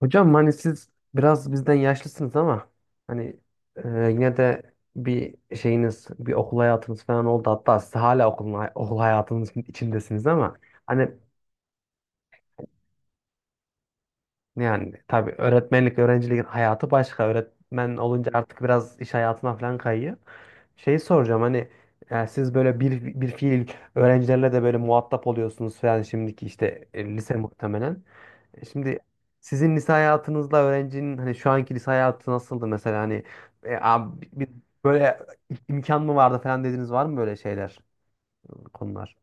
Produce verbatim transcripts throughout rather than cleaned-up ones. Hocam hani siz biraz bizden yaşlısınız ama hani e, yine de bir şeyiniz, bir okul hayatınız falan oldu. Hatta siz hala okul, okul hayatınız içindesiniz ama hani yani tabii öğretmenlik, öğrencilik hayatı başka. Öğretmen olunca artık biraz iş hayatına falan kayıyor. Şey soracağım hani e, siz böyle bir, bir fiil öğrencilerle de böyle muhatap oluyorsunuz falan şimdiki işte e, lise muhtemelen. E, Şimdi sizin lise hayatınızla öğrencinin hani şu anki lise hayatı nasıldı mesela hani e, abi, bir, böyle imkan mı vardı falan dediniz var mı böyle şeyler konular?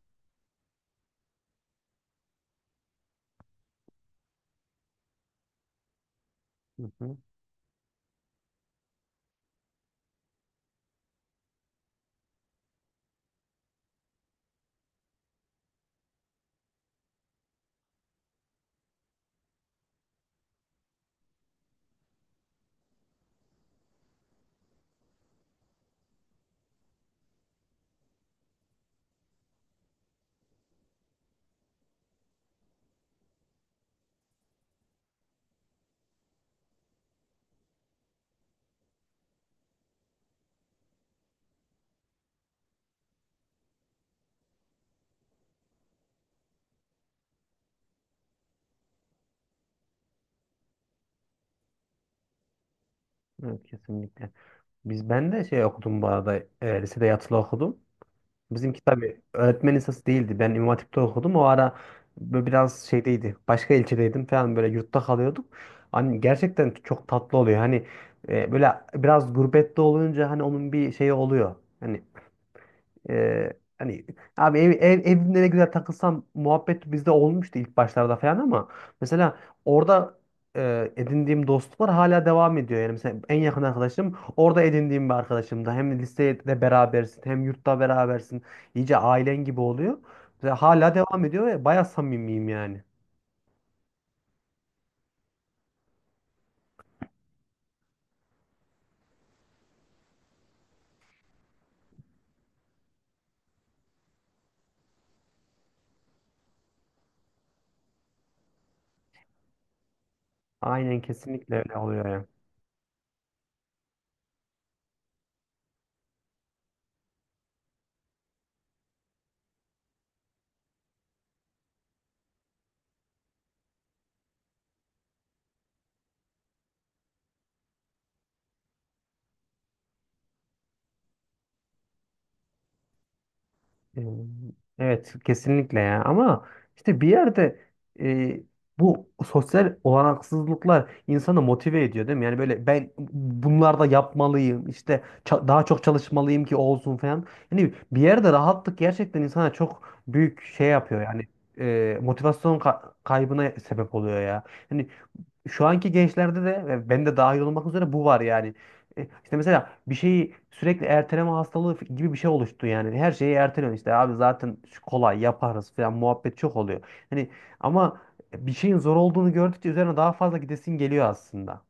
Hı hı. Evet, kesinlikle. Biz ben de şey okudum bu arada, e, lisede yatılı okudum. Bizimki tabii öğretmen lisası değildi. Ben İmam Hatip'te okudum. O ara böyle biraz şeydeydi. Başka ilçedeydim falan böyle yurtta kalıyorduk. Hani gerçekten çok tatlı oluyor. Hani e, böyle biraz gurbette olunca hani onun bir şeyi oluyor. Hani ee, hani abi ev, ev, evimde ne güzel takılsam muhabbet bizde olmuştu ilk başlarda falan ama mesela orada e, edindiğim dostluklar hala devam ediyor. Yani mesela en yakın arkadaşım orada edindiğim bir arkadaşım da hem lisede berabersin hem yurtta berabersin. İyice ailen gibi oluyor. Ve hala devam ediyor ve bayağı samimiyim yani. Aynen, kesinlikle öyle oluyor yani. Ee, Evet, kesinlikle ya ama işte bir yerde e, bu sosyal olanaksızlıklar insanı motive ediyor değil mi? Yani böyle ben bunlarda yapmalıyım işte ça- daha çok çalışmalıyım ki olsun falan. Yani bir yerde rahatlık gerçekten insana çok büyük şey yapıyor yani, e, motivasyon ka- kaybına sebep oluyor ya. Yani şu anki gençlerde de ve ben de dahil olmak üzere bu var yani. E, İşte mesela bir şeyi sürekli erteleme hastalığı f- gibi bir şey oluştu yani. Her şeyi erteliyorsun işte abi zaten şu kolay yaparız falan muhabbet çok oluyor. Hani ama bir şeyin zor olduğunu gördükçe üzerine daha fazla gidesin geliyor aslında.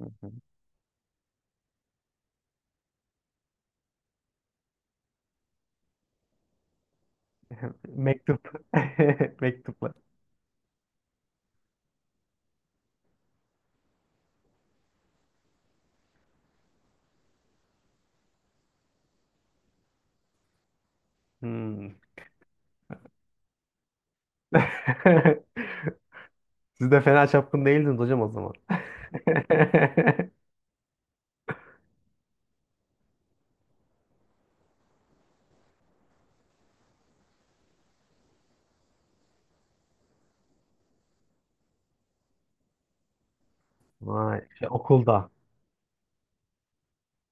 Hı hı. Mektup. Mektuplar. Hmm. Siz de fena çapkın değildiniz hocam o zaman. Vay. Şey, okulda.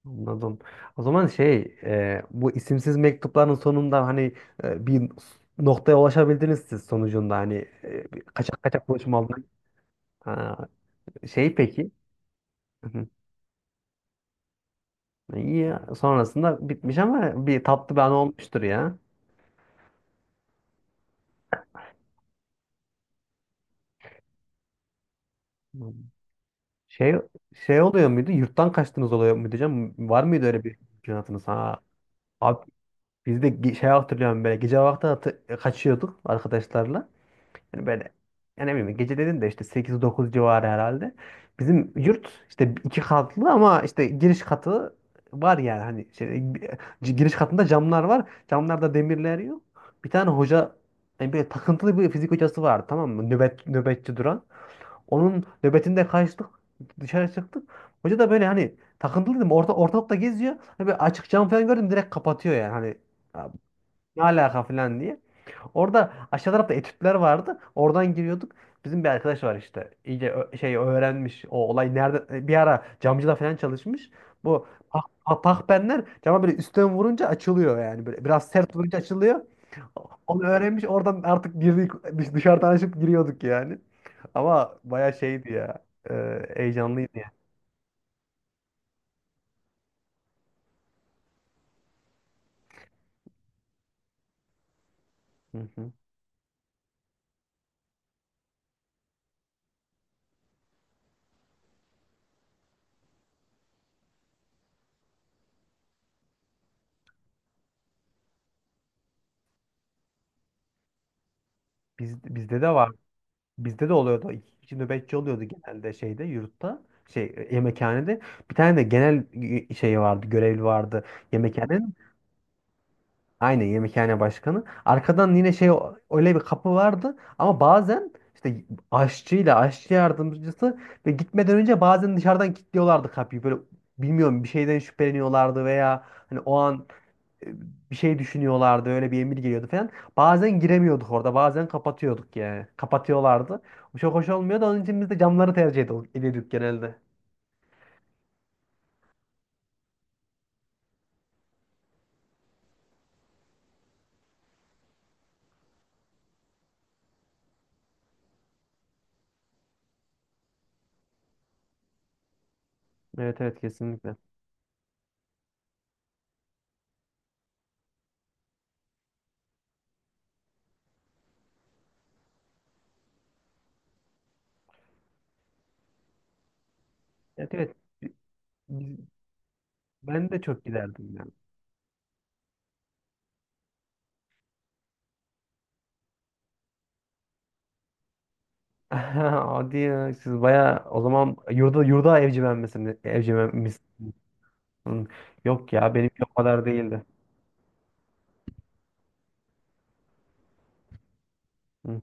Anladım. O zaman şey, e, bu isimsiz mektupların sonunda hani e, bir noktaya ulaşabildiniz siz sonucunda hani e, bir kaçak kaçak buluşma oldu. Ha, şey peki. Hı hı. E, İyi ya. Sonrasında bitmiş ama bir tatlı bir anı olmuştur ya. Hı. Şey şey oluyor muydu? Yurttan kaçtınız oluyor muydu canım? Var mıydı öyle bir mümkünatınız? Ha, abi biz de ge- şey hatırlıyorum, böyle gece vakti hatı- kaçıyorduk arkadaşlarla. Yani böyle yani ne bileyim gece dedin de işte sekiz dokuz civarı herhalde. Bizim yurt işte iki katlı ama işte giriş katı var yani hani şey, c- giriş katında camlar var. Camlarda demirler yok. Bir tane hoca yani böyle takıntılı bir fizik hocası vardı, tamam mı? Nöbet, nöbetçi duran. Onun nöbetinde kaçtık, dışarı çıktık. Hoca da böyle hani takıntılı dedim, orta, ortalıkta geziyor. Hani böyle açık cam falan gördüm direkt kapatıyor yani hani, "Ya ne alaka" falan diye. Orada aşağı tarafta etütler vardı. Oradan giriyorduk. Bizim bir arkadaş var işte. İyice ö- şey öğrenmiş. O olay nerede, e, bir ara camcıda falan çalışmış. Bu pah, pah- pahpenler cama böyle üstten vurunca açılıyor yani. Böyle biraz sert vurunca açılıyor. Onu öğrenmiş. Oradan artık girdik, dış- dışarıdan açıp giriyorduk yani. Ama baya şeydi ya. E, heyecanlıydı ya. Hı hı. Biz, bizde de var. Bizde de oluyordu. İki kişi nöbetçi oluyordu genelde şeyde, yurtta. Şey e, yemekhanede. Bir tane de genel e, şeyi vardı. Görevli vardı. Yemekhanenin. Aynen, yemekhane başkanı. Arkadan yine şey o- öyle bir kapı vardı. Ama bazen işte aşçıyla aşçı yardımcısı ve gitmeden önce bazen dışarıdan kilitliyorlardı kapıyı. Böyle bilmiyorum, bir şeyden şüpheleniyorlardı veya hani o an bir şey düşünüyorlardı. Öyle bir emir geliyordu falan. Bazen giremiyorduk orada. Bazen kapatıyorduk yani. Kapatıyorlardı. Bu çok hoş olmuyordu. Onun için biz de camları tercih ediyorduk, ediyorduk genelde. Evet, evet, kesinlikle. Evet, evet. Biz- Ben de çok giderdim yani. Hadi ya, siz baya o zaman yurda yurda evcimen misiniz? Evcimen mis- Hı. Yok ya, benimki o kadar değildi. Hı.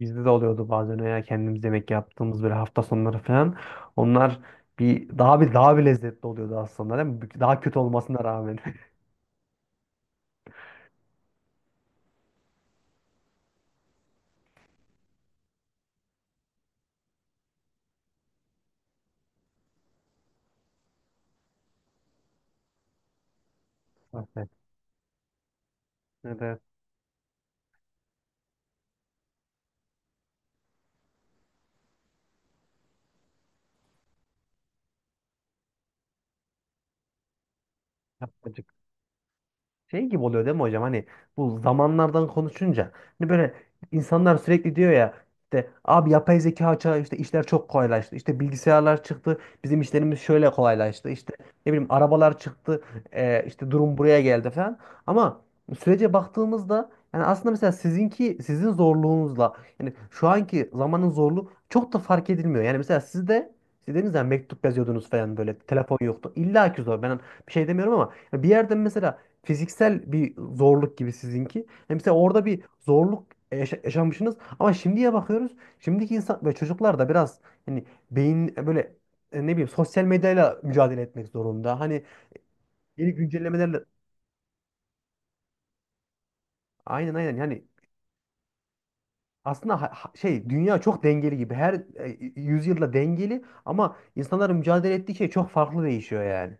Bizde de oluyordu bazen ya, kendimiz yemek yaptığımız böyle hafta sonları falan. Onlar bir daha bir daha bir lezzetli oluyordu aslında değil mi? Daha kötü olmasına rağmen. Evet. Evet. Şey gibi oluyor değil mi hocam? Hani bu zamanlardan konuşunca hani böyle insanlar sürekli diyor ya, işte abi yapay zeka çağı, işte işler çok kolaylaştı. İşte bilgisayarlar çıktı. Bizim işlerimiz şöyle kolaylaştı. İşte ne bileyim arabalar çıktı. E, işte durum buraya geldi falan. Ama sürece baktığımızda yani aslında mesela sizinki, sizin zorluğunuzla yani şu anki zamanın zorluğu çok da fark edilmiyor. Yani mesela sizde siz dediniz ya mektup yazıyordunuz falan, böyle telefon yoktu. İlla ki zor. Ben bir şey demiyorum ama bir yerden mesela fiziksel bir zorluk gibi sizinki. Yani mesela orada bir zorluk yaşa- yaşamışsınız ama şimdiye bakıyoruz. Şimdiki insan ve çocuklar da biraz hani beyin e, böyle e, ne bileyim sosyal medyayla mücadele etmek zorunda. Hani yeni güncellemelerle, aynen aynen yani aslında ha- ha- şey dünya çok dengeli gibi. Her e, yüzyılda dengeli ama insanların mücadele ettiği şey çok farklı değişiyor yani.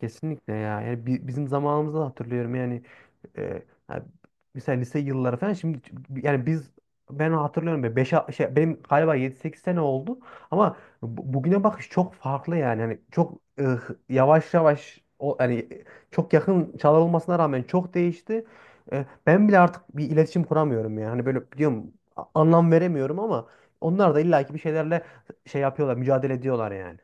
Kesinlikle ya. Yani bi- bizim zamanımızda da hatırlıyorum yani, e, ha, mesela lise yılları falan şimdi yani biz ben hatırlıyorum, be beş şey benim galiba yedi sekiz sene oldu ama bu- bugüne bakış çok farklı yani. Hani çok e, hı- yavaş yavaş o hani çok yakın çalınmasına rağmen çok değişti. E, ben bile artık bir iletişim kuramıyorum yani. Hani böyle diyorum, a- anlam veremiyorum ama onlar da illaki bir şeylerle şey yapıyorlar, mücadele ediyorlar yani.